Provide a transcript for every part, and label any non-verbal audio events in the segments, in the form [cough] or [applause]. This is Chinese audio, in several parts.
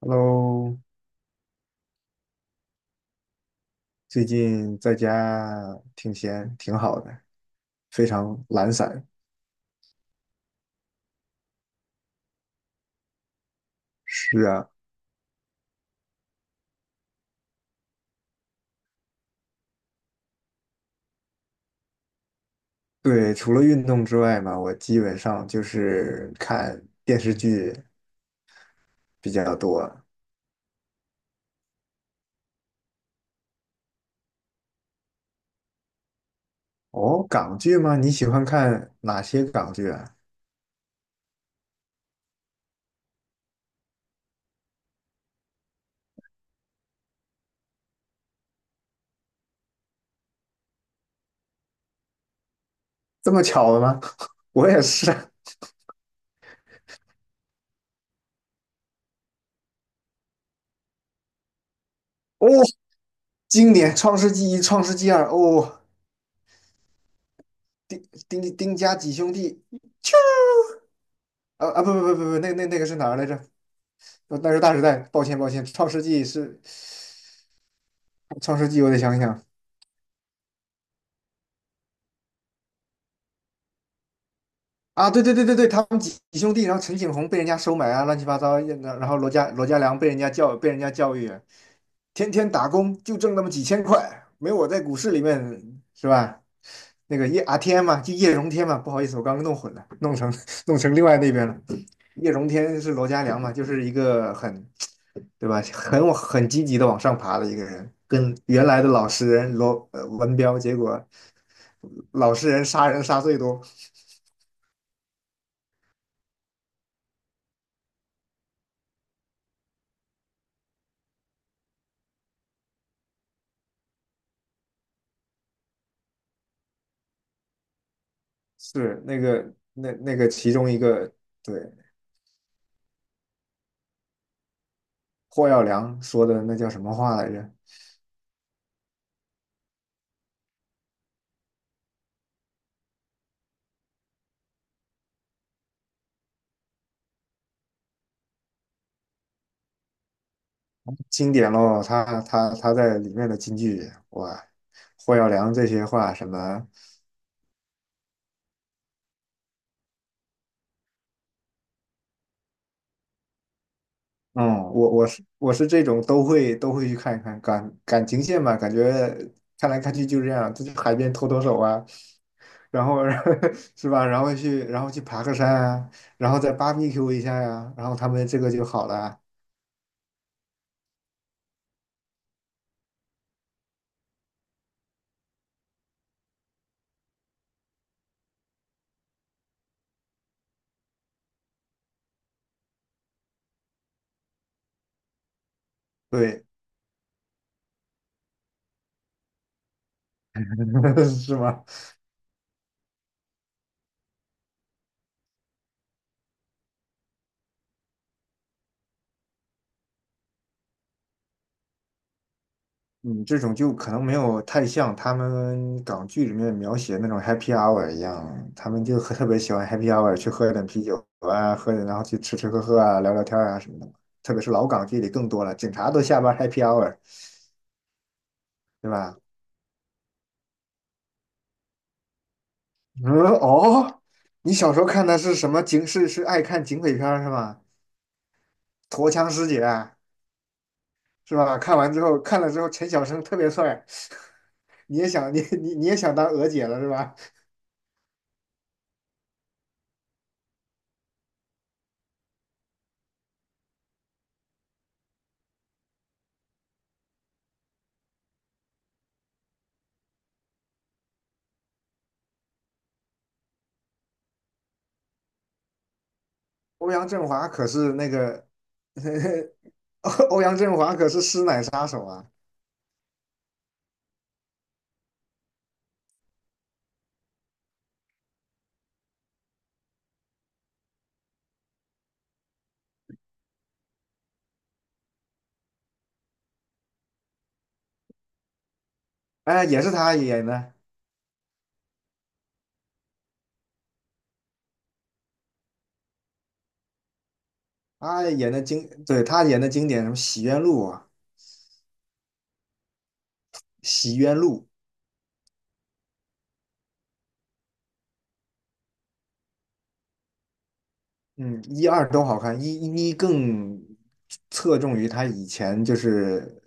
Hello，最近在家挺闲，挺好的，非常懒散。是啊，对，除了运动之外嘛，我基本上就是看电视剧比较多。哦，港剧吗？你喜欢看哪些港剧啊？这么巧的吗？[laughs] 我也是啊。哦，经典《创世纪一》《创世纪二》哦，丁丁家几兄弟。啊啊，不不不不不，那个是哪儿来着？那是大时代，抱歉抱歉，创世纪我得想想。啊，对对对对对，他们几兄弟，然后陈景洪被人家收买啊，乱七八糟，然后罗家良被人家教育，天天打工就挣那么几千块，没我在股市里面是吧？那个叶阿天嘛，就叶荣添嘛，不好意思，我刚刚弄混了，[laughs] 弄成另外那边了。叶荣添是罗家良嘛，就是一个对吧，很积极的往上爬的一个人，跟原来的老实人罗文彪，结果老实人杀人杀最多。是那个那个其中一个。对，霍耀良说的那叫什么话来着？经典喽，他在里面的金句，哇，霍耀良这些话什么。嗯，我是这种都会去看一看感情线嘛，感觉看来看去就这样，就去海边拖拖手啊，然后 [laughs] 是吧，然后去爬个山啊，然后再 b a r b e 一下呀、然后他们这个就好了啊。对，[laughs] 是吗？嗯，这种就可能没有太像他们港剧里面描写那种 happy hour 一样，他们就很特别喜欢 happy hour 去喝点啤酒啊，喝点然后去吃吃喝喝啊，聊聊天啊什么的。特别是老港剧里更多了，警察都下班 happy hour,对吧？[laughs] 嗯。哦，你小时候看的是什么警？是爱看警匪片儿是吧？陀枪师姐啊，是吧？看了之后，陈小生特别帅，[laughs] 你也想当娥姐了是吧？欧阳震华可是那个 [laughs]。[laughs] 欧阳震华可是师奶杀手啊！哎，也是他演的，他演的经，对，他演的经典什么《洗冤录》啊，《洗冤录》。嗯，一二都好看，一更侧重于他以前就是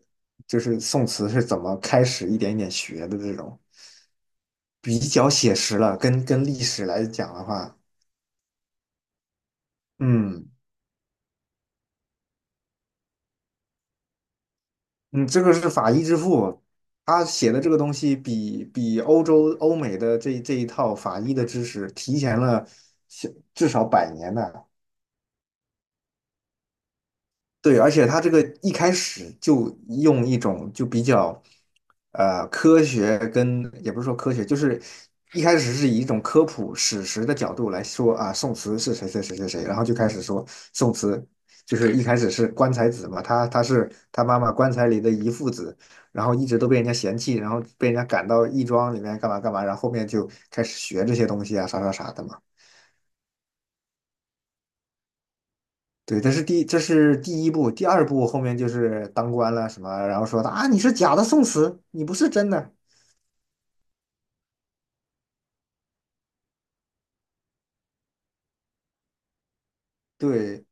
宋词是怎么开始一点一点学的这种，比较写实了，跟历史来讲的话，嗯。嗯，这个是法医之父，他写的这个东西比欧美的这一套法医的知识提前了小至少100年呢。对，而且他这个一开始就用一种就比较，科学跟也不是说科学，就是一开始是以一种科普史实的角度来说啊，宋慈是谁谁谁谁谁，然后就开始说宋慈就是一开始是棺材子嘛，他是他妈妈棺材里的遗腹子，然后一直都被人家嫌弃，然后被人家赶到义庄里面干嘛干嘛，然后后面就开始学这些东西啊，啥啥啥的嘛。对，这是第一部，第二部后面就是当官了什么，然后说啊你是假的宋慈，你不是真的。对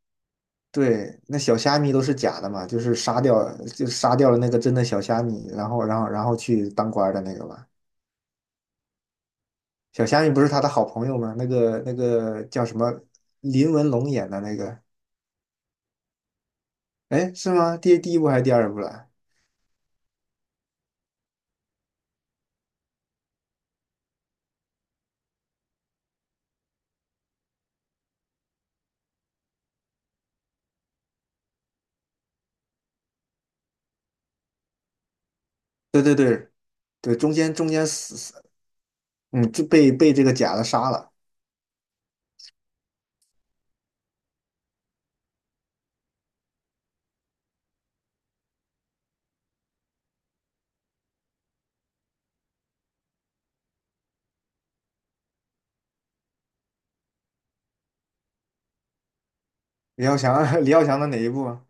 对，那小虾米都是假的嘛，就是杀掉就杀掉了那个真的小虾米，然后去当官的那个嘛。小虾米不是他的好朋友吗？那个叫什么林文龙演的那个，哎是吗？第一部还是第二部了？对对对对，中间死，嗯就被这个假的杀了。李耀祥 [laughs] 李耀祥的哪一部啊？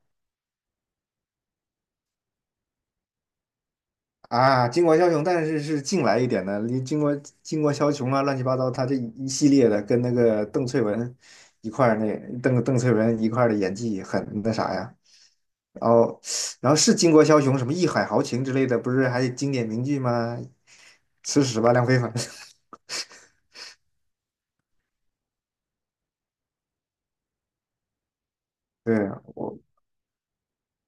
啊，巾帼枭雄，但是近来一点的，你巾帼巾帼枭雄啊，乱七八糟，他这一系列的跟那个邓萃雯一块儿那邓萃雯一块儿的演技很那啥呀，然后然后是巾帼枭雄，什么义海豪情之类的，不是还有经典名句吗？吃屎吧，梁非凡。[laughs] 对，我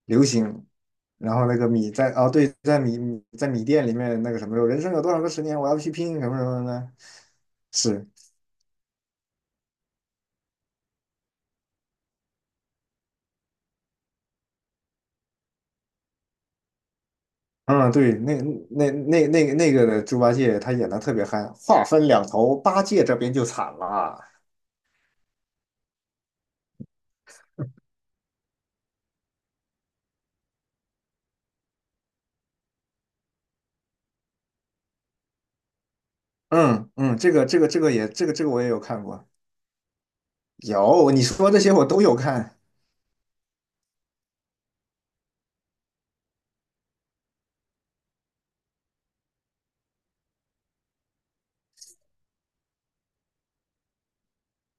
流行，然后那个米在哦，对，在米店里面那个什么时候，人生有多少个10年，我要去拼什么什么的，是。嗯，对，那个的猪八戒他演的特别嗨，话分两头，八戒这边就惨了。嗯嗯，这个也这个我也有看过，有你说这些我都有看，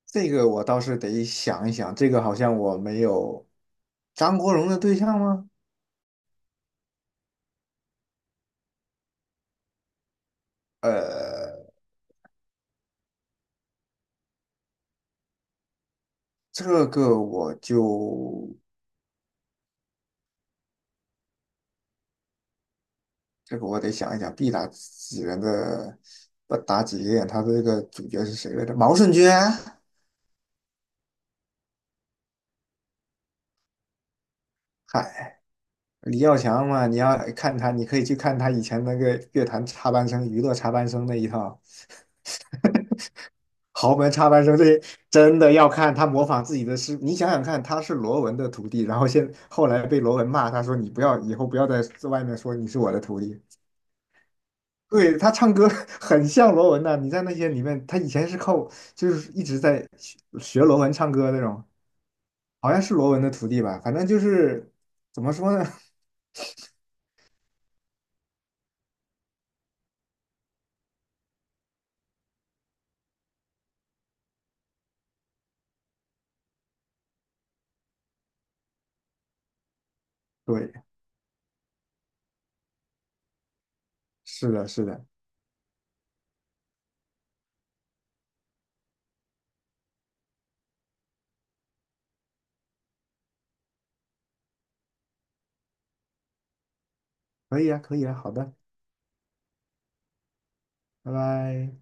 这个我倒是得想一想，这个好像我没有。张国荣的对象吗？呃，这个我就这个我得想一想，必打几人的不打几个眼，他的这个主角是谁来着？毛舜筠，嗨，李耀祥嘛，你要看他，你可以去看他以前那个乐坛插班生、娱乐插班生那一套，[laughs] 豪门插班生这些真的要看他模仿自己的师傅。你想想看，他是罗文的徒弟，然后后来被罗文骂，他说你不要以后不要在外面说你是我的徒弟。对，他唱歌 [laughs] 很像罗文的，你在那些里面，他以前是就是一直在学学罗文唱歌那种，好像是罗文的徒弟吧，反正就是怎么说呢？[laughs] 对，是的，是的，可以啊，可以啊，好的。拜拜。